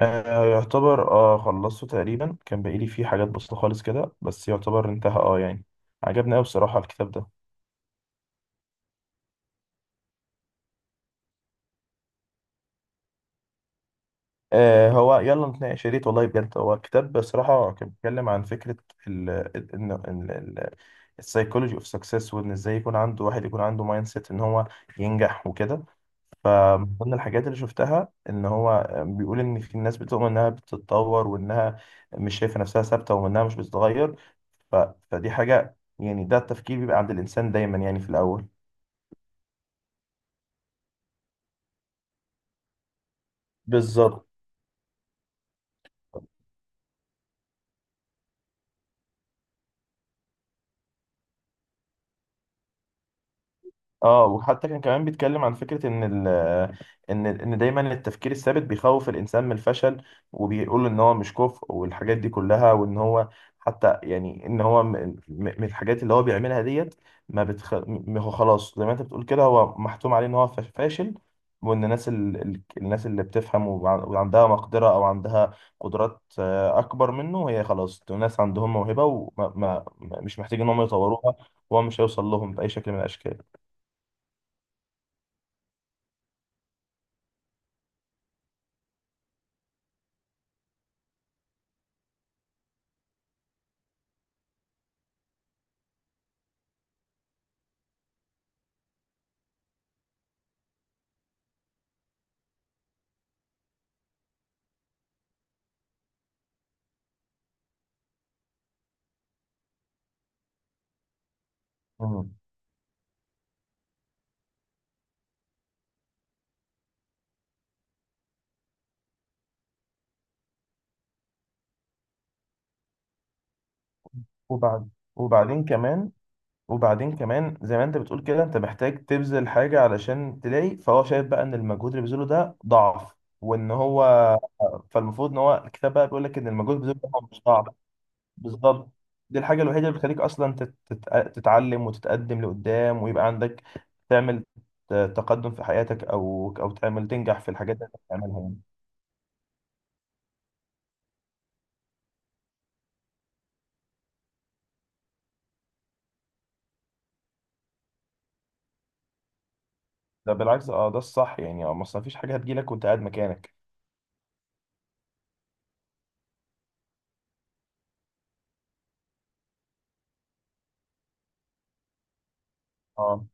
آه، يعتبر خلصته تقريبا. كان باقيلي فيه حاجات بسيطة خالص كده، بس يعتبر انتهى يعني. عجبني أوي بصراحة الكتاب ده. آه، هو يلا نتناقش، يا ريت والله، بجد هو الكتاب بصراحة كان بيتكلم عن فكرة ال ال- ان ال- ال- السايكولوجي اوف سكسس، وان ازاي يكون عنده واحد يكون عنده مايند سيت ان هو ينجح وكده. فمن ضمن الحاجات اللي شفتها ان هو بيقول ان في ناس بتؤمن انها بتتطور، وانها مش شايفه نفسها ثابته، وانها مش بتتغير. ف... فدي حاجة، يعني ده التفكير بيبقى عند الإنسان دايما يعني في الأول. بالظبط. اه وحتى كان كمان بيتكلم عن فكرة ان ال ان ان دايما التفكير الثابت بيخوف الانسان من الفشل، وبيقول ان هو مش كفء والحاجات دي كلها، وان هو حتى يعني ان هو من الحاجات اللي هو بيعملها ديت، ما بتخ... م- هو خلاص زي ما انت بتقول كده، هو محتوم عليه ان هو فاشل. وان الناس اللي بتفهم وعندها مقدرة، او عندها قدرات اكبر منه، هي خلاص دول ناس عندهم موهبة ومش محتاج ان هم يطوروها. وهو مش هيوصل لهم بأي شكل من الاشكال. مم. وبعد وبعدين كمان وبعدين كمان زي ما انت بتقول كده، انت محتاج تبذل حاجة علشان تلاقي. فهو شايف بقى ان المجهود اللي بيبذله ده ضعف، وان هو فالمفروض ان هو الكتاب بقى بيقول لك ان المجهود اللي بيبذله ده هو مش ضعف. بالظبط. دي الحاجة الوحيدة اللي بتخليك اصلا تتعلم وتتقدم لقدام، ويبقى عندك تعمل تقدم في حياتك، او تعمل تنجح في الحاجات اللي انت بتعملها يعني. ده بالعكس، اه، ده الصح يعني، ما أصل مفيش حاجة هتجيلك وانت قاعد مكانك. اه،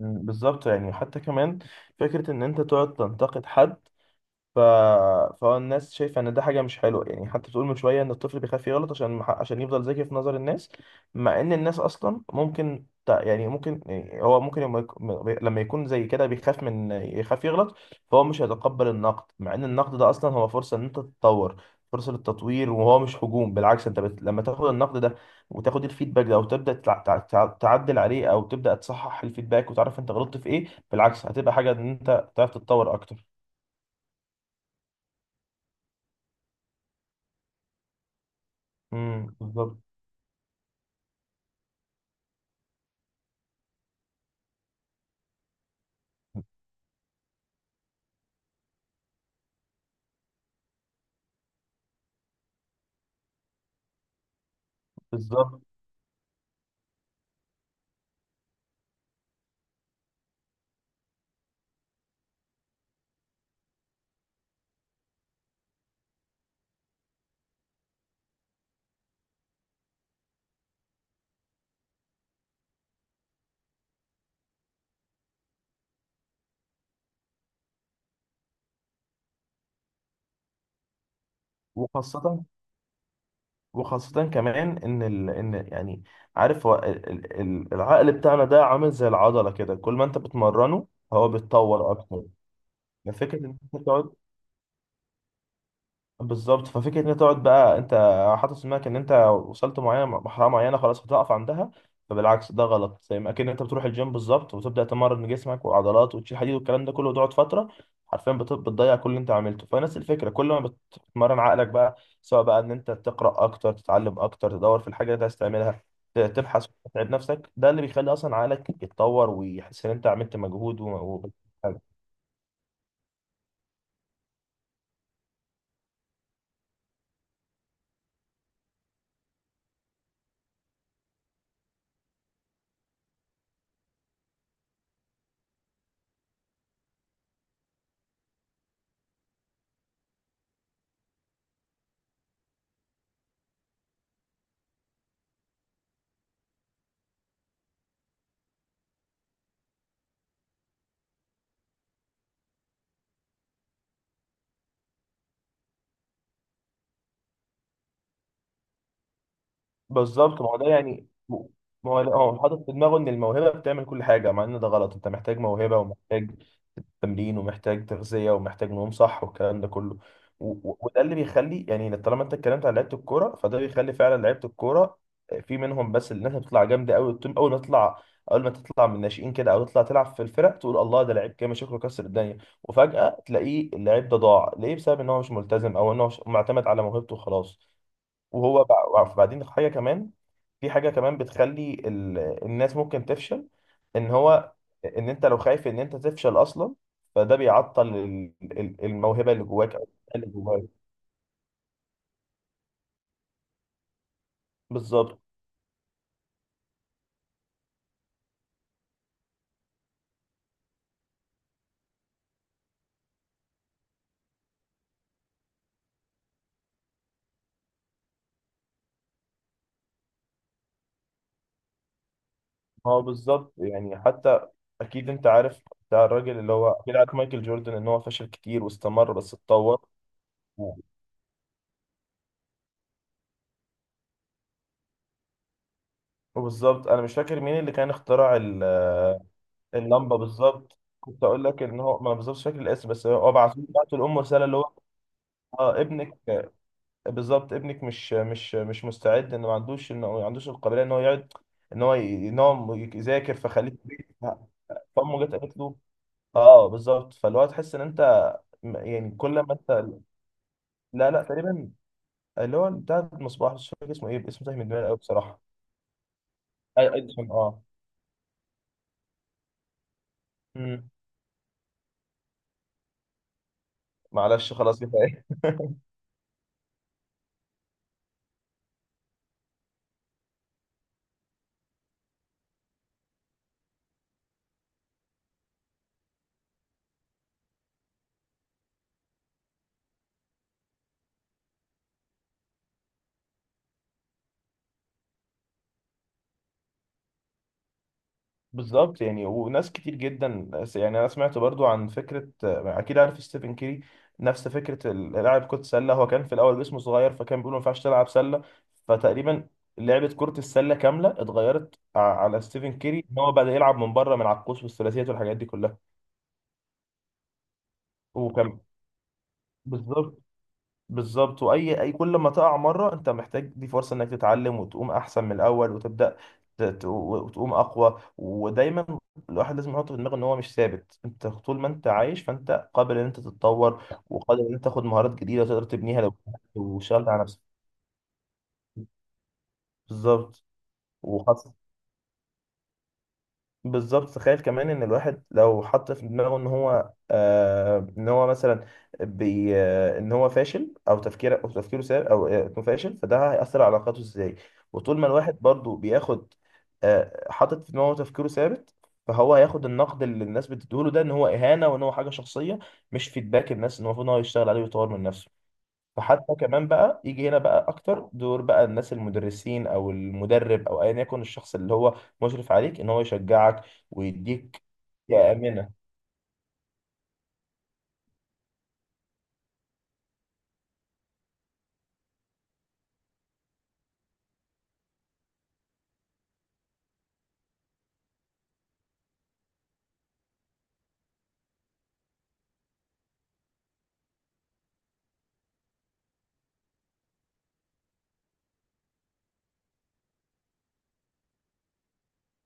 بالظبط، يعني حتى كمان فكرة إن أنت تقعد تنتقد حد. ف... فالناس شايفه ان ده حاجه مش حلوه، يعني حتى بتقول من شويه ان الطفل بيخاف يغلط عشان يفضل ذكي في نظر الناس. مع ان الناس اصلا ممكن ت- يعني ممكن يعني هو ممكن لما يكون زي كده بيخاف يخاف يغلط. فهو مش هيتقبل النقد، مع ان النقد ده اصلا هو فرصه ان انت تتطور، فرصه للتطوير، وهو مش هجوم. بالعكس، انت لما تاخد النقد ده، وتاخد الفيدباك ده، وتبدا تعدل عليه، او تبدا تصحح الفيدباك وتعرف انت غلطت في ايه، بالعكس هتبقى حاجه ان انت تعرف تتطور اكتر. بالظبط. بالظبط. وخاصة وخاصة كمان إن يعني عارف هو العقل بتاعنا ده عامل زي العضلة كده، كل ما أنت بتمرنه هو بيتطور أكتر. ففكرة إن أنت تقعد بالظبط ففكره ان انت تقعد بقى، انت حاطط في دماغك ان انت وصلت معينه مرحله معينه خلاص هتقف عندها. فبالعكس ده غلط، زي ما اكن انت بتروح الجيم بالظبط، وتبدا تمرن جسمك والعضلات، وتشيل حديد والكلام ده كله، وتقعد فتره حرفيا بتضيع كل اللي انت عملته. فنفس الفكره، كل ما بتمرن عقلك بقى، سواء بقى ان انت تقرا اكتر، تتعلم اكتر، تدور في الحاجه اللي انت عايز تعملها، تبحث وتتعب نفسك، ده اللي بيخلي اصلا عقلك يتطور، ويحس ان انت عملت مجهود. بالظبط ما هو ده يعني ما هو لا، هو حاطط في دماغه ان الموهبه بتعمل كل حاجه، مع ان ده غلط. انت محتاج موهبه، ومحتاج تمرين، ومحتاج تغذيه، ومحتاج نوم صح، والكلام ده كله. وده اللي بيخلي، يعني طالما انت اتكلمت على لعيبه الكوره، فده بيخلي فعلا لعيبه الكوره في منهم، بس الناس بتطلع جامده قوي. اول ما تطلع من الناشئين كده، او تطلع تلعب في الفرق، تقول الله، ده لعيب جامد، شكله كسر الدنيا، وفجاه تلاقيه اللعيب ده ضاع ليه، بسبب ان هو مش ملتزم، او ان هو معتمد على موهبته وخلاص. وهو بعدين حاجه كمان، في حاجه كمان بتخلي الناس ممكن تفشل. ان هو ان انت لو خايف ان انت تفشل اصلا، فده بيعطل الموهبه اللي جواك، او اللي جواك. بالظبط ما هو بالظبط يعني حتى، اكيد انت عارف بتاع الراجل اللي هو اكيد عارف، مايكل جوردن، ان هو فشل كتير واستمر بس اتطور. وبالظبط انا مش فاكر مين اللي كان اخترع اللمبه. بالظبط، كنت اقول لك ان هو، ما أنا بالظبط مش فاكر الاسم، بس هو بعت لامه رساله اللي هو، اه، ابنك. بالظبط، ابنك مش مستعد، انه ما عندوش، انه ما عندوش القابليه ان هو يقعد، ان هو يذاكر، فخليه في البيت. فامه جت قالت له، اه، بالظبط، فاللي هو تحس ان انت يعني كل ما انت، لا لا، تقريبا. اللي هو بتاع مصباح، مش فاكر اسمه ايه، اسمه تايه من دماغي قوي بصراحه. اي ادسون، اه. مم. معلش خلاص كفايه. بالظبط، يعني وناس كتير جدا، يعني انا سمعت برضو عن فكره، اكيد عارف ستيفن كيري، نفس فكره لاعب كره سله، هو كان في الاول جسمه صغير، فكان بيقولوا ما ينفعش تلعب سله، فتقريبا لعبه كره السله كامله اتغيرت على ستيفن كيري، ان هو بدا يلعب من بره، من على القوس والثلاثيات والحاجات دي كلها. وكان بالظبط. بالظبط، اي كل ما تقع مره، انت محتاج دي فرصه انك تتعلم، وتقوم احسن من الاول، وتبدا وتقوم اقوى. ودايما الواحد لازم يحط في دماغه ان هو مش ثابت، انت طول ما انت عايش فانت قابل ان انت تتطور، وقادر ان انت تاخد مهارات جديده تقدر تبنيها لو واشتغلت على نفسك. بالظبط. وخاصه، بالظبط، تخيل كمان ان الواحد لو حط في دماغه ان هو مثلا بي آه ان هو فاشل، او تفكيره سار، او انه فاشل، فده هيأثر على علاقاته ازاي. وطول ما الواحد برضو بياخد، حاطط في دماغه تفكيره ثابت، فهو هياخد النقد اللي الناس بتديهوله ده ان هو اهانة، وان هو حاجة شخصية، مش فيدباك الناس ان هو المفروض ان هو يشتغل عليه ويطور من نفسه. فحتى كمان بقى يجي هنا بقى اكتر دور بقى الناس، المدرسين او المدرب او ايا يكن الشخص اللي هو مشرف عليك، ان هو يشجعك ويديك، يا امنه.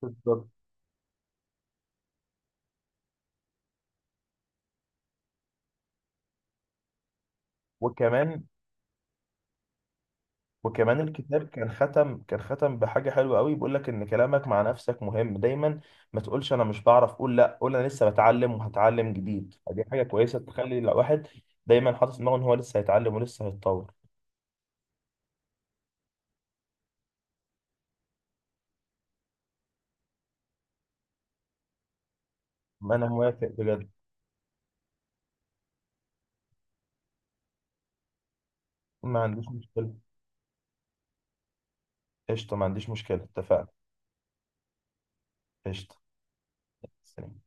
بالظبط، وكمان، وكمان الكتاب كان ختم بحاجه حلوه قوي، بيقول لك ان كلامك مع نفسك مهم دايما. ما تقولش انا مش بعرف، قول لا، قول انا لسه بتعلم وهتعلم جديد، فدي حاجه كويسه تخلي الواحد دايما حاطط في دماغه ان هو لسه هيتعلم ولسه هيتطور. ما انا موافق بجد. ما عنديش مشكله، قشطه، ما عنديش مشكله، اتفقنا. قشطه. سلام.